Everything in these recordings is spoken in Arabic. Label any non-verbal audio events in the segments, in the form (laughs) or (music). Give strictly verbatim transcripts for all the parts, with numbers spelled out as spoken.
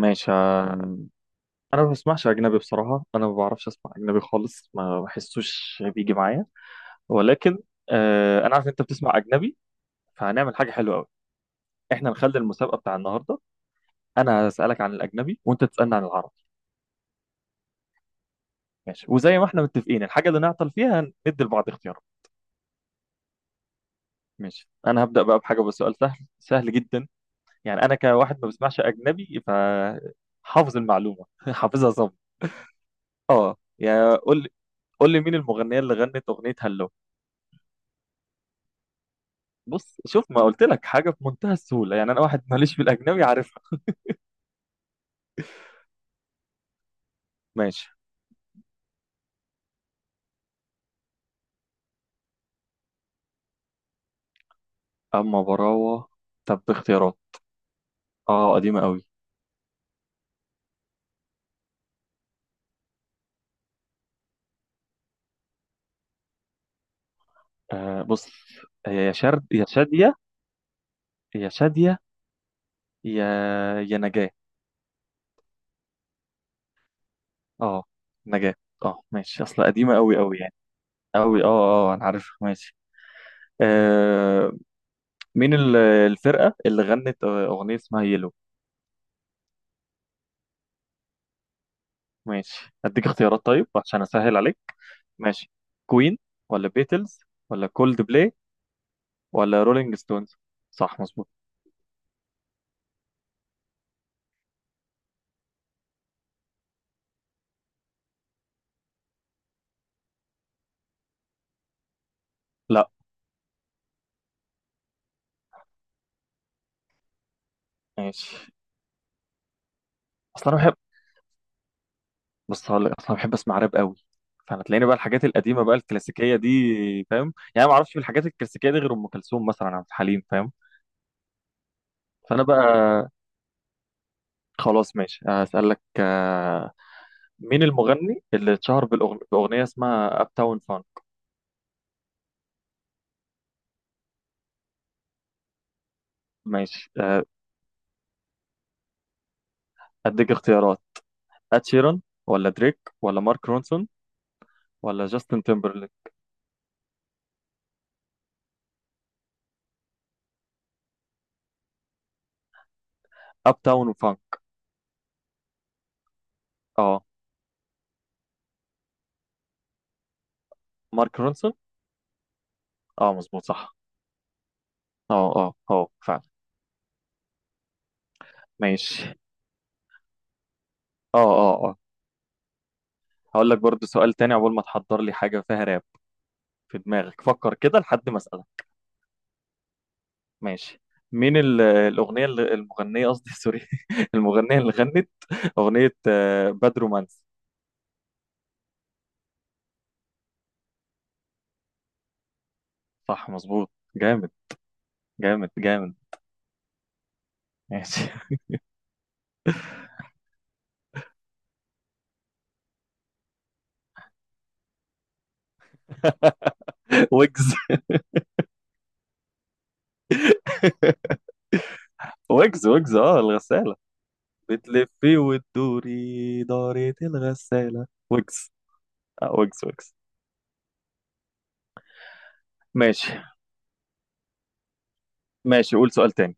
ماشي آه، انا ما بسمعش اجنبي بصراحه. انا ما بعرفش اسمع اجنبي خالص، ما بحسوش بيجي معايا. ولكن آه، انا عارف انت بتسمع اجنبي، فهنعمل حاجه حلوه قوي. احنا نخلي المسابقه بتاع النهارده، انا هسالك عن الاجنبي وانت تسالني عن العربي. ماشي، وزي ما احنا متفقين الحاجه اللي نعطل فيها ندي لبعض اختيارات. ماشي، انا هبدا بقى بحاجه، بسؤال سهل سهل جدا. يعني انا كواحد ما بسمعش اجنبي فحافظ المعلومه (laughs) حافظها ظبط. اه، يا قول لي، قول لي مين المغنيه اللي غنت اغنيه هالو؟ بص، شوف ما قلت لك حاجه في منتهى السهوله. يعني انا واحد ماليش في الاجنبي عارفها. ماشي. اما براوه. طب باختيارات. اه قديمه قوي. آه بص، هي يا شرد يا شاديه، يا شاديه، يا يا نجاه. اه نجاه. اه ماشي، اصلا قديمه قوي قوي يعني. قوي، اه اه انا عارفها. ماشي. آه، مين ال- الفرقه اللي غنت آه، اغنيه اسمها يلو؟ ماشي اديك اختيارات طيب، عشان اسهل عليك. ماشي، كوين، ولا بيتلز، ولا كولد بلاي، ولا رولينج ستونز؟ صح، مظبوط. لا. ماشي. اصلا انا بحب، بص هقول لك، اصلا بحب اسمع راب قوي، فانا تلاقيني بقى الحاجات القديمه بقى الكلاسيكيه دي. فاهم؟ يعني ما اعرفش في الحاجات الكلاسيكيه دي غير ام كلثوم مثلا، عبد الحليم، فاهم؟ فانا بقى خلاص. ماشي، اسالك آه، مين المغني اللي اتشهر بالأغن- باغنيه اسمها اب تاون فان؟ ماشي آه، اديك اختيارات: اد شيران، ولا دريك، ولا مارك رونسون، ولا جاستن تيمبرليك؟ اب تاون فان. اه. مارك رونسون. اه مظبوط، صح. اه اه اه فعلا. ماشي. اه اه اه. هقول لك برضو سؤال تاني عقبال ما تحضر لي حاجة فيها راب. في دماغك فكر كده لحد ما أسألك. ماشي. مين ال- الأغنية اللي المغنية، قصدي سوري، (laughs) المغنية اللي غنت أغنية آه، باد رومانس؟ صح مظبوط. جامد جامد جامد. ماشي. (laughs) ويجز. (laughs) ويجز، ويجز، اه الغسالة. بتلفي وتدوري دارة الغسالة، ويجز. آه ويجز، ويجز. ماشي. ماشي قول سؤال تاني.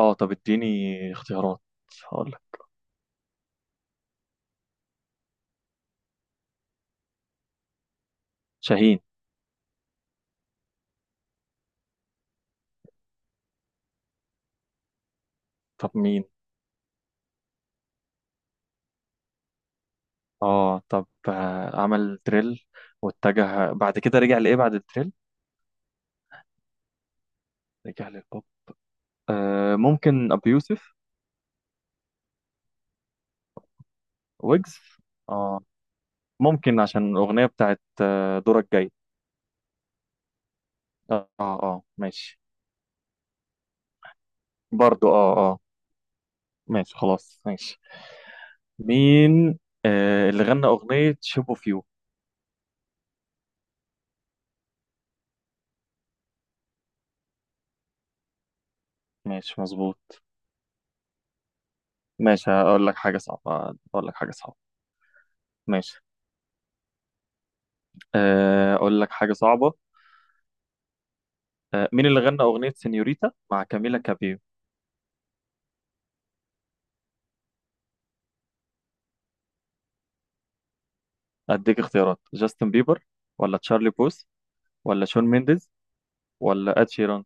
اه طب اديني اختيارات. هقول شاهين. طب مين؟ اه طب آه، عمل دريل، واتجه بعد كده رجع لايه بعد الدريل؟ رجع للبوب. آه ممكن ابو يوسف. ويجز. اه ممكن، عشان الاغنيه بتاعت آه، دورك جاي. اه اه آه، ماشي. برضو اه اه. ماشي خلاص ماشي. مين آه اللي غنى اغنيه شيب اوف يو؟ ماشي مظبوط. ماشي، هقول لك حاجه صعبه، اقول لك حاجه صعبه. ماشي. آه، اقول لك حاجه صعبه. آه، مين اللي غنى أغنية سينيوريتا مع كاميلا كابيو؟ أديك اختيارات: جاستن بيبر، ولا تشارلي بوث، ولا شون مينديز، ولا إد شيران؟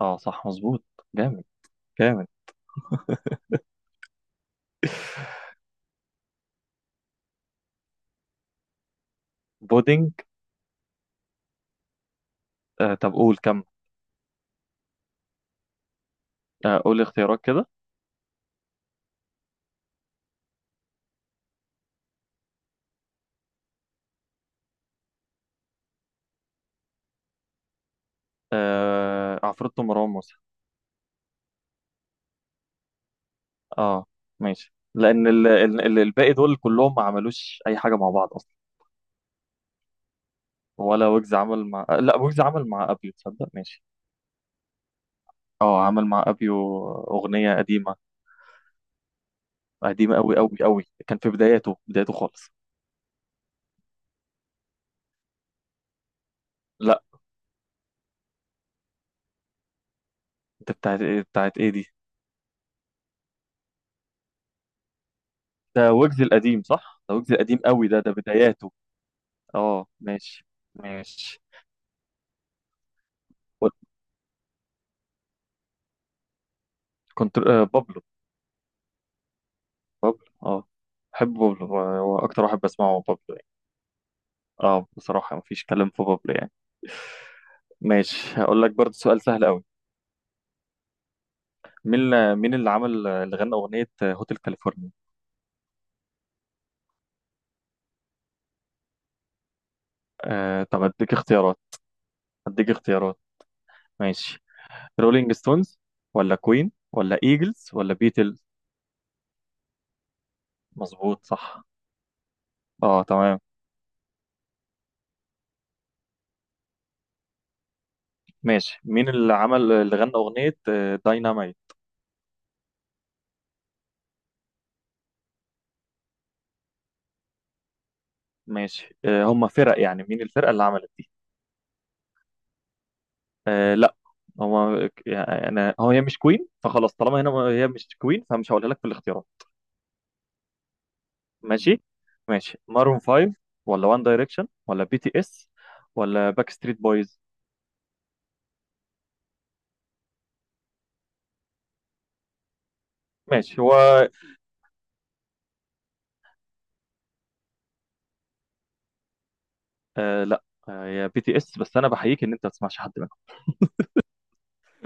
اه صح مظبوط. جامد جامد. بودينج. آه طب قول كم. آه قول اختيارات كده. آه عفروتو مروان موسى. اه ماشي، لأن ال ال ال الباقي دول كلهم ما عملوش أي حاجة مع بعض أصلا. ولا ويجز عمل مع آه، لا ويجز عمل مع أبيو، تصدق؟ ماشي. اه عمل مع أبيو أغنية قديمة. قديمة أوي أوي أوي، كان في بداياته، بداياته خالص. لا. انت بتاعت ايه بتاعت ايه دي؟ ده ويجز القديم، صح؟ ده ويجز القديم قوي، ده ده بداياته. اه ماشي. ماشي. و-، كنت آه بابلو. بابلو، اه. بحب بابلو، هو هو اكتر واحد بسمعه هو بابلو يعني. اه بصراحة مفيش كلام في بابلو يعني. ماشي، هقول لك برضه سؤال سهل قوي. مين ال- مين اللي عمل، اللي غنى أغنية هوتيل كاليفورنيا؟ آه طب اديك اختيارات، اديك اختيارات. ماشي: رولينج ستونز، ولا كوين، ولا ايجلز، ولا بيتلز؟ مظبوط صح. اه تمام. ماشي. مين اللي عمل، اللي غنى أغنية آه، دايناميت؟ ماشي آه، هم فرق يعني، مين الفرقة اللي عملت دي. آه لا. هو يعني أنا- هو هي مش كوين، فخلاص طالما هنا هي مش كوين فمش هقولها لك في الاختيارات. ماشي. ماشي، مارون خمسة، ولا وان دايركشن، ولا بي تي اس، ولا باك ستريت بويز؟ ماشي هو. آه لا. آه، هي بي تي اس، بس انا بحييك ان انت ما بتسمعش حد منهم،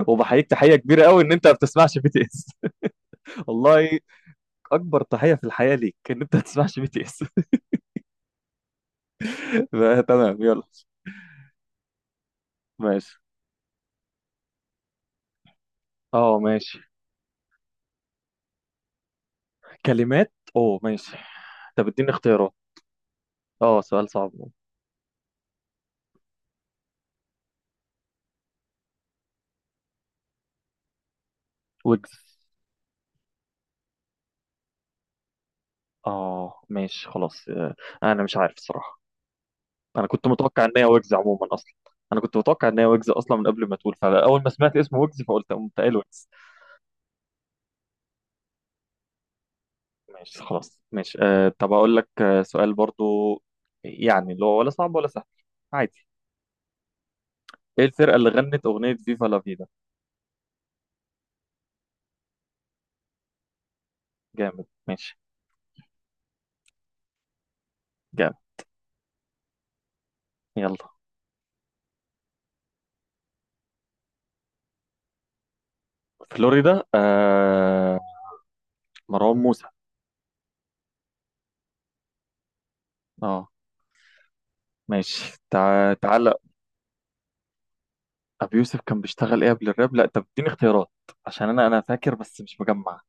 وبحييك تحيه كبيره قوي ان انت ما بتسمعش بي تي اس. (laughs) والله، اكبر تحيه في الحياه ليك ان انت ما بتسمعش بي تي اس. لا، تمام، يلا. ماشي. اه ماشي. كلمات اوه، ماشي. طب اديني اختيارات. اه سؤال صعب. ويجز. اه ماشي خلاص. آه، انا مش عارف الصراحة. انا كنت متوقع ان هي ويجز عموما اصلا. انا كنت متوقع ان هي ويجز اصلا من قبل ما تقول، فاول ما سمعت اسم ويجز فقلت، قمت قايل ويجز. ماشي خلاص. ماشي. آه طب اقول لك آه، سؤال برضو، يعني اللي هو ولا صعب ولا سهل، عادي. ايه الفرقة اللي غنت اغنية فيفا لا فيدا؟ جامد. ماشي. جامد. يلا. فلوريدا. آه مروان موسى. اه. ماشي. تع... تعالى. ابي يوسف كان بيشتغل ايه قبل الراب؟ لا طب اديني اختيارات، عشان انا انا فاكر بس مش مجمع.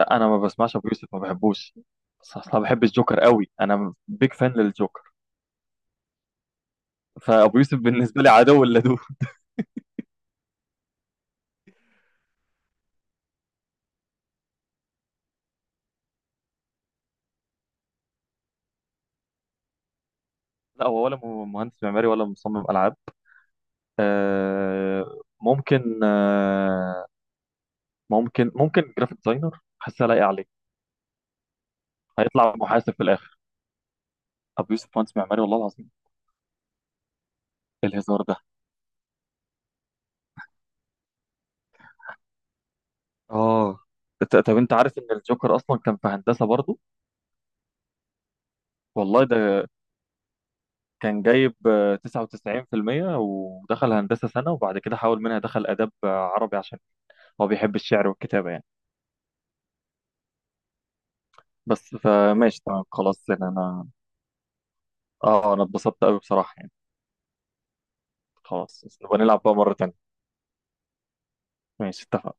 لا انا ما بسمعش ابو يوسف، ما بحبوش. بس اصلا بحب الجوكر قوي، انا بيج فان للجوكر. فابو يوسف بالنسبه لي عدو اللدود. (laughs) لا هو ولا م- مهندس معماري ولا مصمم العاب. آه ممكن. آه ممكن ممكن جرافيك ديزاينر، حاسه لايقه عليه. هيطلع محاسب في الاخر. ابو يوسف مهندس معماري؟ والله العظيم؟ إيه الهزار ده؟ اه. ط- طب انت عارف ان الجوكر اصلا كان في هندسه برضه؟ والله ده كان جايب آه، تسعة وتسعين في المية ودخل هندسه سنه، وبعد كده حاول منها دخل اداب آه، عربي، عشان هو بيحب الشعر والكتابه يعني. بس فماشي تمام خلاص يعني انا. اه انا اتبسطت قوي بصراحه يعني. خلاص، بس نبقى نلعب بقى مره تانيه. ماشي، اتفقنا.